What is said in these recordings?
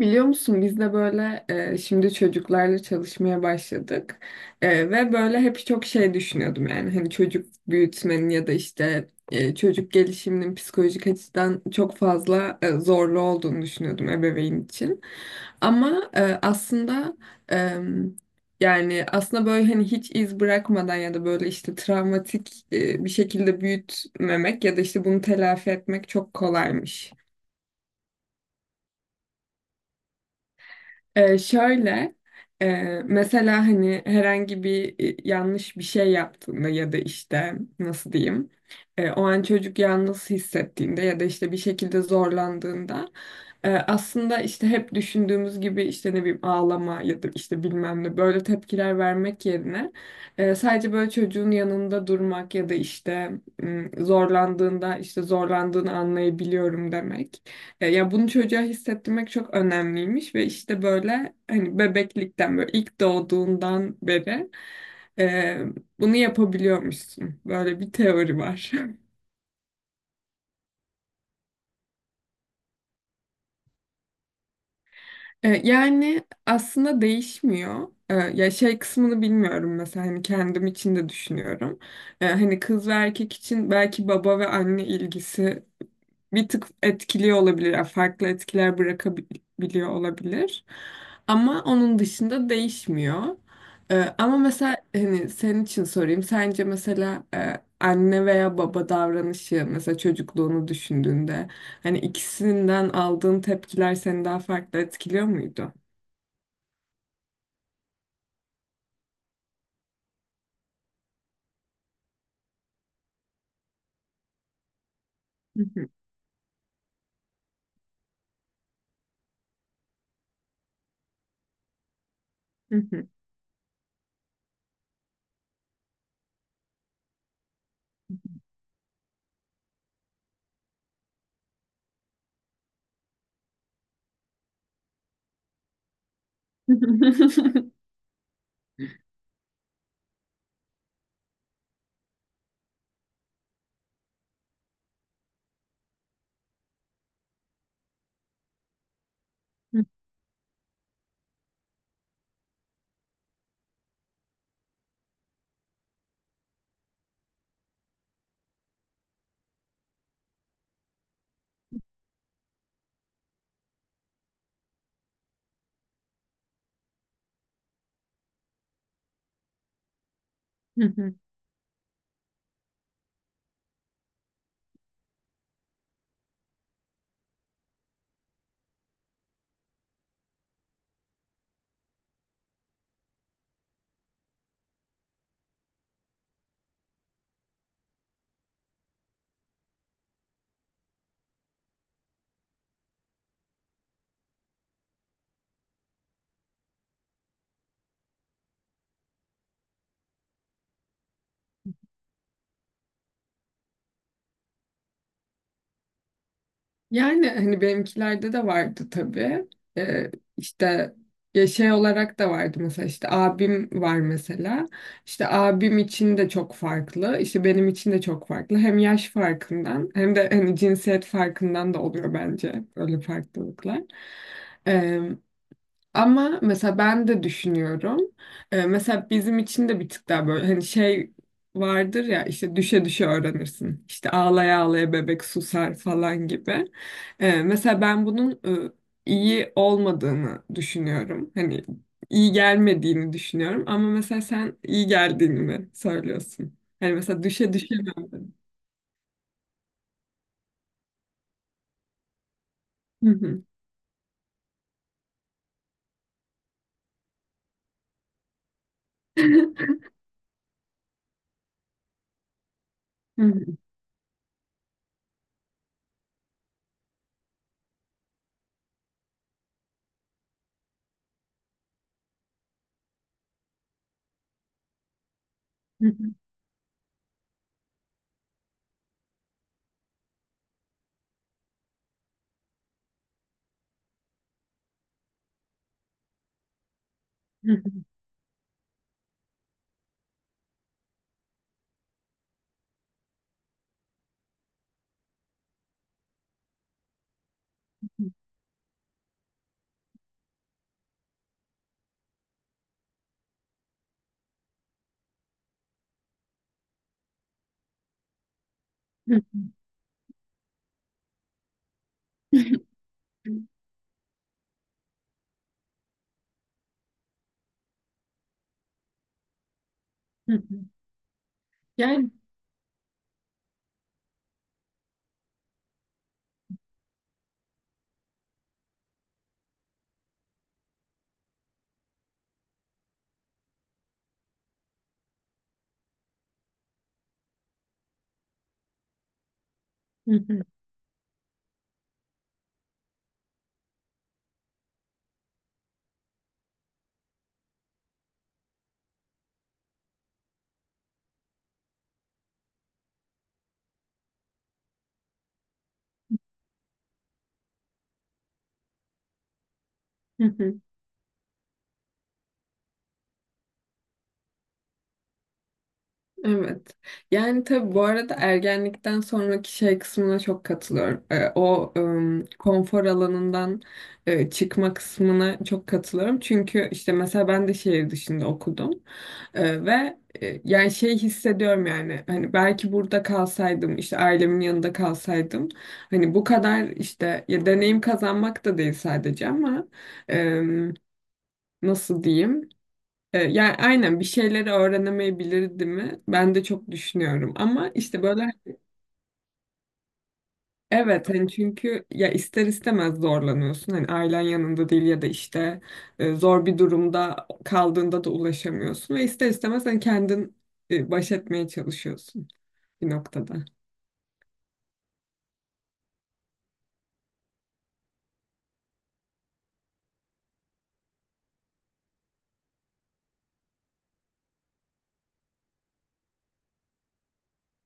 Biliyor musun biz de böyle şimdi çocuklarla çalışmaya başladık. Ve böyle hep çok şey düşünüyordum, yani hani çocuk büyütmenin ya da işte çocuk gelişiminin psikolojik açıdan çok fazla zorlu olduğunu düşünüyordum ebeveyn için. Ama aslında e, yani aslında böyle hani hiç iz bırakmadan ya da böyle işte travmatik bir şekilde büyütmemek ya da işte bunu telafi etmek çok kolaymış. Şöyle e, mesela hani herhangi bir yanlış bir şey yaptığında ya da işte nasıl diyeyim, o an çocuk yalnız hissettiğinde ya da işte bir şekilde zorlandığında aslında işte hep düşündüğümüz gibi işte ne bileyim ağlama ya da işte bilmem ne böyle tepkiler vermek yerine sadece böyle çocuğun yanında durmak ya da işte zorlandığında işte zorlandığını anlayabiliyorum demek. Ya bunu çocuğa hissettirmek çok önemliymiş ve işte böyle hani bebeklikten böyle ilk doğduğundan beri e, bunu yapabiliyormuşsun. Böyle bir teori var. Yani aslında değişmiyor. Ya şey kısmını bilmiyorum, mesela hani kendim için de düşünüyorum. Hani kız ve erkek için belki baba ve anne ilgisi bir tık etkiliyor olabilir. Yani farklı etkiler bırakabiliyor olabilir. Ama onun dışında değişmiyor. Ama mesela hani senin için sorayım. Sence mesela anne veya baba davranışı, mesela çocukluğunu düşündüğünde hani ikisinden aldığın tepkiler seni daha farklı etkiliyor muydu? Hı hı, hı hı. Hı hı. Yani hani benimkilerde de vardı tabii. Ee, işte ya şey olarak da vardı mesela, işte abim var mesela. İşte abim için de çok farklı, işte benim için de çok farklı. Hem yaş farkından hem de hani cinsiyet farkından da oluyor bence böyle farklılıklar. Ee, Ama mesela ben de düşünüyorum. Mesela bizim için de bir tık daha böyle hani şey vardır ya, işte düşe düşe öğrenirsin. İşte ağlaya ağlaya bebek susar falan gibi. Mesela ben bunun e, iyi olmadığını düşünüyorum. Hani iyi gelmediğini düşünüyorum. Ama mesela sen iyi geldiğini mi söylüyorsun? Hani mesela düşe düşe mi öğrendin? Hı hı. Hı hı. Hı hı. Hı hı. Hı hı. Yani hı hı. Hı hı. Evet. Yani tabii bu arada ergenlikten sonraki şey kısmına çok katılıyorum. O konfor alanından çıkma kısmına çok katılıyorum. Çünkü işte mesela ben de şehir dışında okudum. Ve yani şey hissediyorum, yani hani belki burada kalsaydım, işte ailemin yanında kalsaydım hani bu kadar işte ya deneyim kazanmak da değil sadece, ama em, nasıl diyeyim? Yani aynen bir şeyleri öğrenemeyebilirdi mi? Ben de çok düşünüyorum ama işte böyle evet, hani çünkü ya ister istemez zorlanıyorsun. Hani ailen yanında değil ya da işte zor bir durumda kaldığında da ulaşamıyorsun ve ister istemez hani kendin baş etmeye çalışıyorsun bir noktada.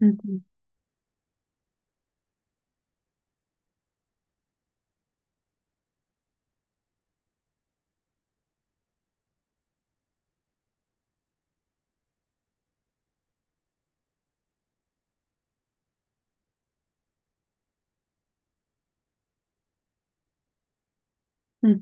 Hı hı. Hı,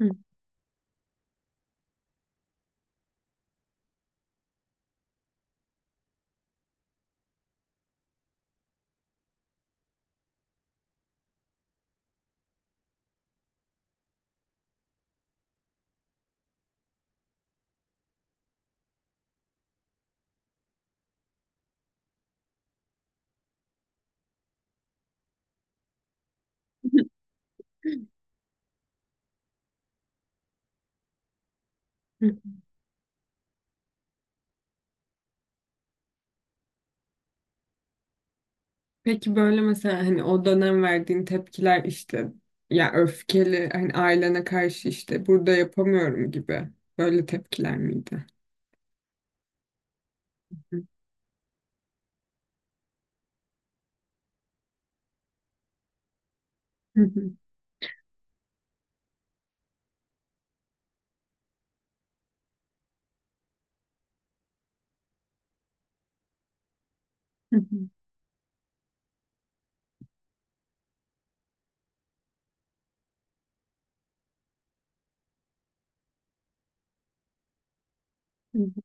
hı, hı. Peki böyle mesela hani o dönem verdiğin tepkiler işte ya öfkeli hani ailene karşı, işte burada yapamıyorum gibi böyle tepkiler miydi? Hı, hı, hı, hı, hı.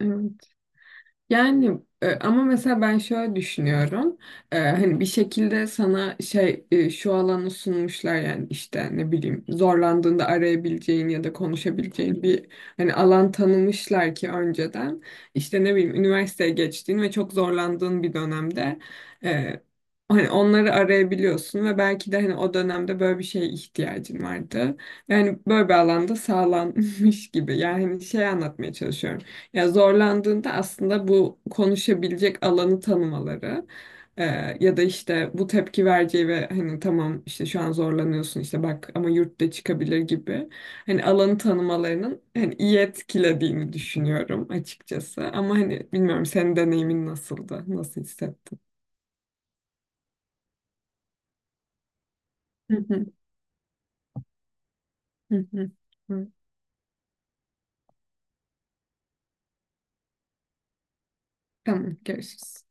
Evet. Yani ama mesela ben şöyle düşünüyorum. Hani bir şekilde sana şey şu alanı sunmuşlar, yani işte ne bileyim zorlandığında arayabileceğin ya da konuşabileceğin bir hani alan tanımışlar ki önceden işte ne bileyim üniversiteye geçtiğin ve çok zorlandığın bir dönemde e, hani onları arayabiliyorsun ve belki de hani o dönemde böyle bir şeye ihtiyacın vardı. Yani böyle bir alanda sağlanmış gibi. Yani hani şey anlatmaya çalışıyorum. Ya zorlandığında aslında bu konuşabilecek alanı tanımaları e, ya da işte bu tepki vereceği ve hani tamam işte şu an zorlanıyorsun, işte bak ama yurtta çıkabilir gibi hani alanı tanımalarının hani iyi etkilediğini düşünüyorum açıkçası. Ama hani bilmiyorum, senin deneyimin nasıldı? Nasıl hissettin? Hı hı, hı hı. Hı. Tamam, görüşürüz.